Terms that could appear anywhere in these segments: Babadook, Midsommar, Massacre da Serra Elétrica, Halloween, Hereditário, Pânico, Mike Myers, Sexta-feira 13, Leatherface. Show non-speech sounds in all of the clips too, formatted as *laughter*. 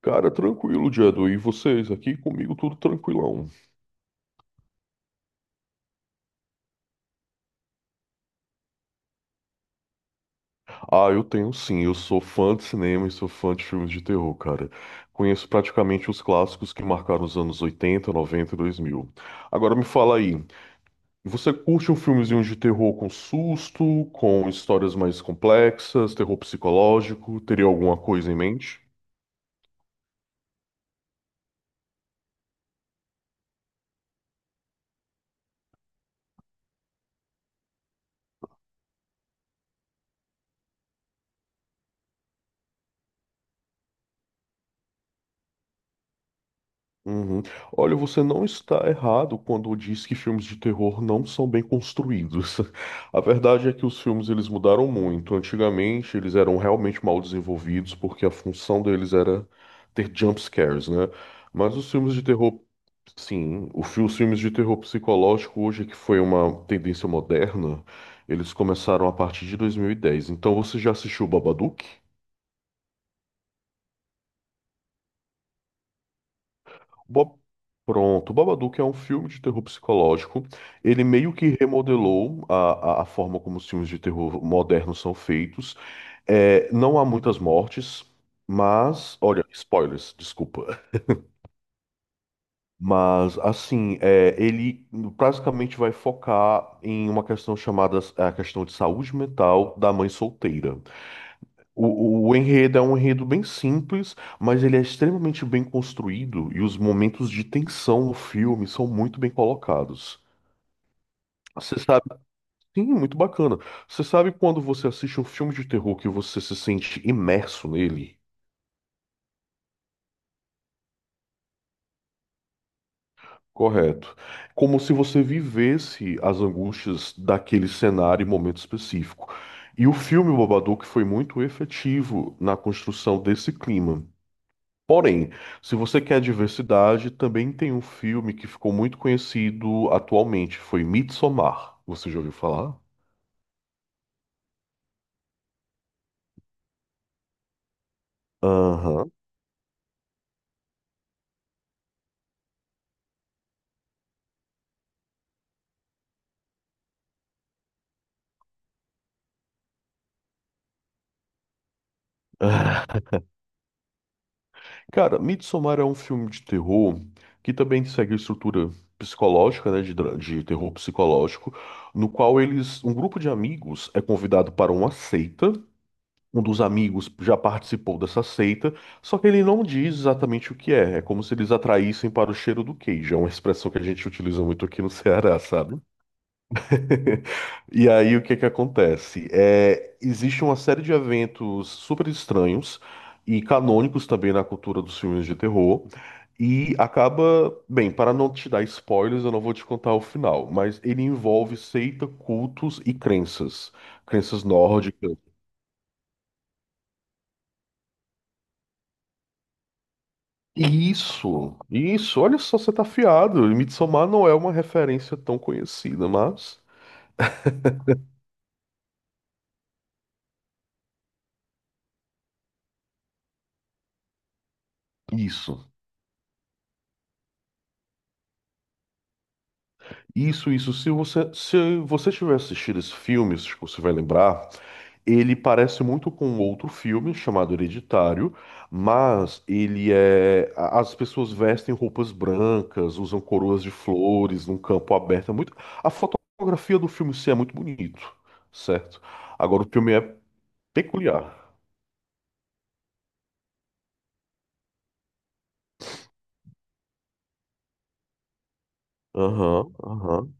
Cara, tranquilo, Jadu. E vocês aqui comigo, tudo tranquilão. Ah, eu tenho sim. Eu sou fã de cinema e sou fã de filmes de terror, cara. Conheço praticamente os clássicos que marcaram os anos 80, 90, e 2000. Agora me fala aí, você curte um filmezinho de terror com susto, com histórias mais complexas, terror psicológico? Teria alguma coisa em mente? Uhum. Olha, você não está errado quando diz que filmes de terror não são bem construídos. *laughs* A verdade é que os filmes eles mudaram muito. Antigamente eles eram realmente mal desenvolvidos porque a função deles era ter jump scares, né? Mas os filmes de terror, sim, os filmes de terror psicológico hoje que foi uma tendência moderna, eles começaram a partir de 2010. Então você já assistiu Babadook? Bob... Pronto, Babadook é um filme de terror psicológico. Ele meio que remodelou a forma como os filmes de terror modernos são feitos. É, não há muitas mortes, mas. Olha, spoilers, desculpa. Mas, assim, ele basicamente vai focar em uma questão chamada a questão de saúde mental da mãe solteira. O enredo é um enredo bem simples, mas ele é extremamente bem construído e os momentos de tensão no filme são muito bem colocados. Você sabe, sim, muito bacana. Você sabe quando você assiste um filme de terror que você se sente imerso nele? Correto. Como se você vivesse as angústias daquele cenário e momento específico. E o filme O Babadook foi muito efetivo na construção desse clima. Porém, se você quer diversidade, também tem um filme que ficou muito conhecido atualmente, foi Midsommar. Você já ouviu falar? Aham. *laughs* Cara, Midsommar é um filme de terror que também segue a estrutura psicológica, né, de terror psicológico, no qual eles, um grupo de amigos é convidado para uma seita. Um dos amigos já participou dessa seita, só que ele não diz exatamente o que é. É como se eles atraíssem para o cheiro do queijo. É uma expressão que a gente utiliza muito aqui no Ceará, sabe? *laughs* E aí o que que acontece? Existe uma série de eventos super estranhos e canônicos também na cultura dos filmes de terror. E acaba, bem, para não te dar spoilers, eu não vou te contar o final, mas ele envolve seita, cultos e crenças. Crenças nórdicas. Isso, olha só, você tá afiado. Midsommar não é uma referência tão conhecida, mas isso, isso, isso. Se você tiver assistido esse filme, se você vai lembrar, ele parece muito com outro filme chamado Hereditário, mas ele é. As pessoas vestem roupas brancas, usam coroas de flores num campo aberto. É muito. A fotografia do filme em si é muito bonito, certo? Agora o filme é peculiar. Aham, aham.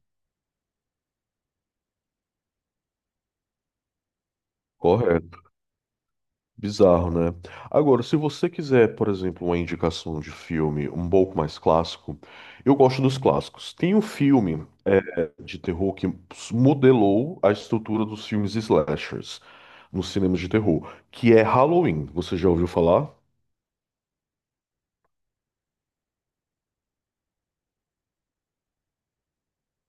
Correto. Bizarro, né? Agora, se você quiser, por exemplo, uma indicação de filme um pouco mais clássico, eu gosto dos clássicos. Tem um filme de terror que modelou a estrutura dos filmes slashers nos cinemas de terror, que é Halloween. Você já ouviu falar?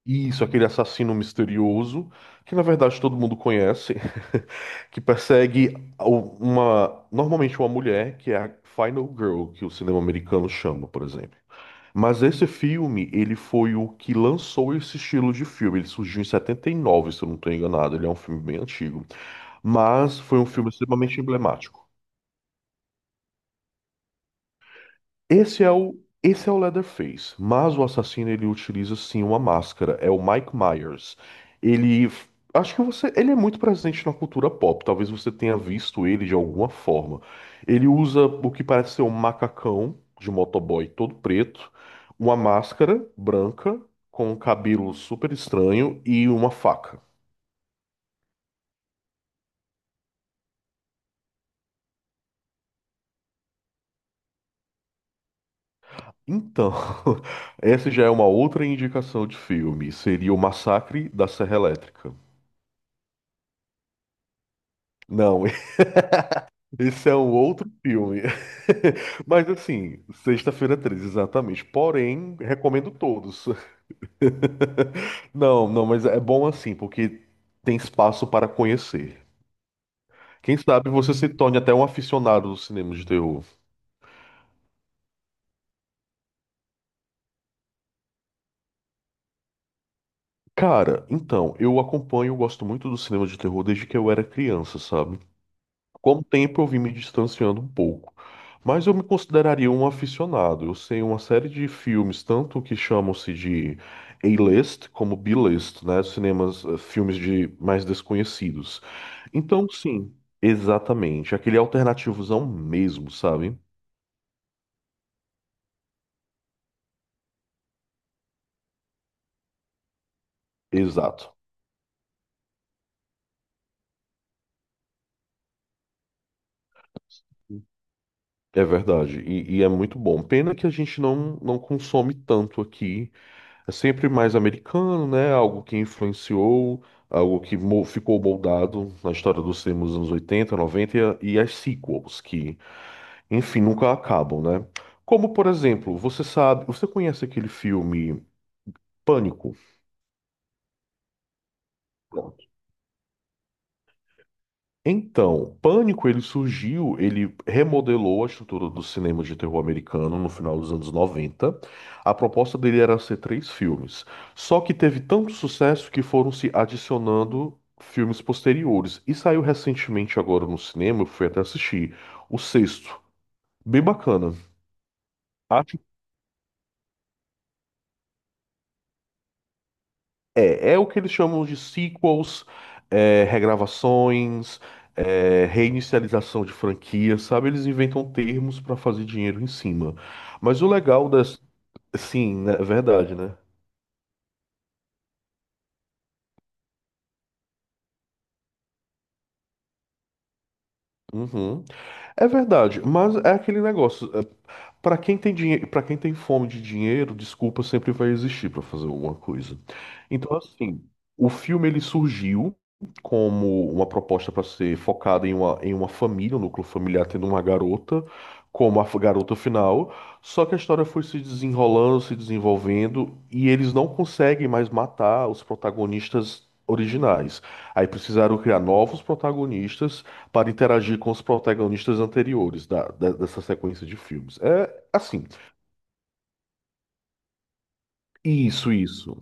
Isso, aquele assassino misterioso, que na verdade todo mundo conhece, *laughs* que persegue uma, normalmente uma mulher, que é a Final Girl, que o cinema americano chama, por exemplo. Mas esse filme, ele foi o que lançou esse estilo de filme. Ele surgiu em 79, se eu não estou enganado. Ele é um filme bem antigo. Mas foi um filme extremamente emblemático. Esse é o, esse é o Leatherface, mas o assassino ele utiliza sim uma máscara, é o Mike Myers. Ele, acho que você, ele é muito presente na cultura pop, talvez você tenha visto ele de alguma forma. Ele usa o que parece ser um macacão de motoboy todo preto, uma máscara branca com um cabelo super estranho e uma faca. Então, *laughs* essa já é uma outra indicação de filme, seria o Massacre da Serra Elétrica. Não, esse é um outro filme. *laughs* Mas assim, Sexta-feira 13, exatamente. Porém, recomendo todos. *laughs* Não, não, mas é bom assim, porque tem espaço para conhecer. Quem sabe você se torne até um aficionado do cinema de terror. Cara, então, eu acompanho, eu gosto muito do cinema de terror desde que eu era criança, sabe? Com o tempo eu vim me distanciando um pouco, mas eu me consideraria um aficionado. Eu sei uma série de filmes, tanto que chamam-se de A-list como B-list, né? Cinemas, filmes de mais desconhecidos. Então, sim, exatamente. Aquele alternativozão mesmo, sabe? Exato. É verdade. E é muito bom. Pena que a gente não consome tanto aqui. É sempre mais americano, né? Algo que influenciou, algo que ficou moldado na história do cinema dos anos 80, 90 e e as sequels, que, enfim, nunca acabam, né? Como, por exemplo, você sabe, você conhece aquele filme Pânico? Então, Pânico ele surgiu, ele remodelou a estrutura do cinema de terror americano no final dos anos 90. A proposta dele era ser três filmes. Só que teve tanto sucesso que foram se adicionando filmes posteriores. E saiu recentemente agora no cinema, eu fui até assistir, o sexto. Bem bacana. É o que eles chamam de sequels, regravações, reinicialização de franquias, sabe? Eles inventam termos para fazer dinheiro em cima. Mas o legal das. Sim, né? É verdade, né? Uhum. É verdade, mas é aquele negócio. Para quem tem dinheiro, para quem tem fome de dinheiro, desculpa sempre vai existir para fazer alguma coisa. Então, assim, o filme ele surgiu como uma proposta para ser focada em uma família, um núcleo familiar tendo uma garota como a garota final, só que a história foi se desenrolando, se desenvolvendo e eles não conseguem mais matar os protagonistas originais. Aí precisaram criar novos protagonistas para interagir com os protagonistas anteriores dessa sequência de filmes. Assim, isso, isso.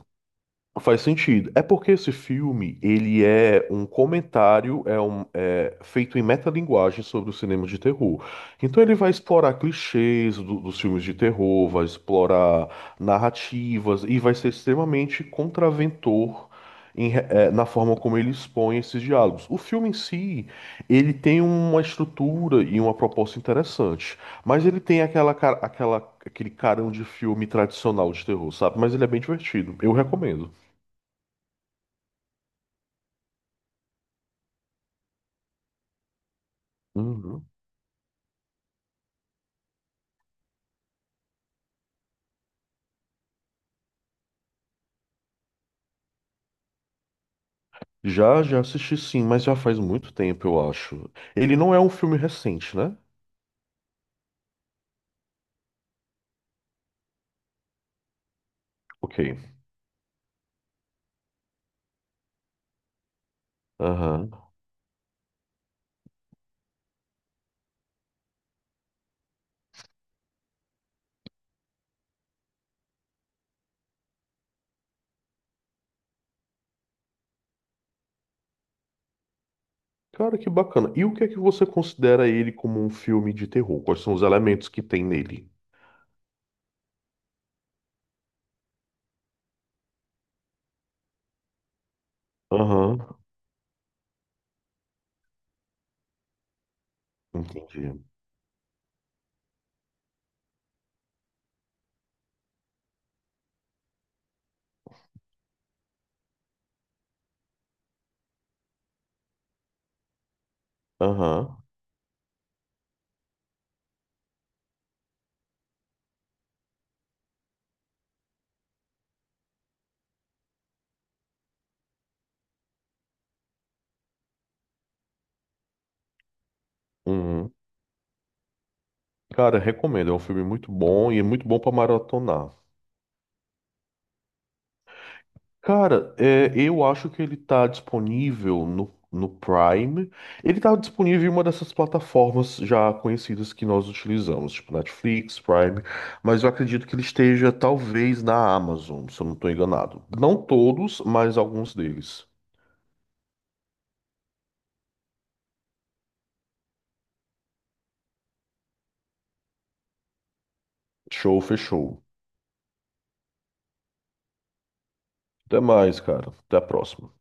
Faz sentido. É porque esse filme, ele é um comentário, feito em metalinguagem sobre o cinema de terror. Então ele vai explorar clichês dos filmes de terror, vai explorar narrativas e vai ser extremamente contraventor na forma como ele expõe esses diálogos. O filme em si, ele tem uma estrutura e uma proposta interessante, mas ele tem aquele carão de filme tradicional de terror, sabe? Mas ele é bem divertido. Eu recomendo. Uhum. Já assisti sim, mas já faz muito tempo, eu acho. Ele não é um filme recente, né? Ok. Aham. Cara, que bacana. E o que é que você considera ele como um filme de terror? Quais são os elementos que tem nele? Aham. Entendi. Aham. Uhum. Cara, recomendo. É um filme muito bom e é muito bom pra maratonar. Cara, eu acho que ele tá disponível no Prime. Ele tá disponível em uma dessas plataformas já conhecidas que nós utilizamos, tipo Netflix, Prime, mas eu acredito que ele esteja talvez na Amazon, se eu não tô enganado. Não todos, mas alguns deles. Show, fechou. Até mais, cara. Até a próxima.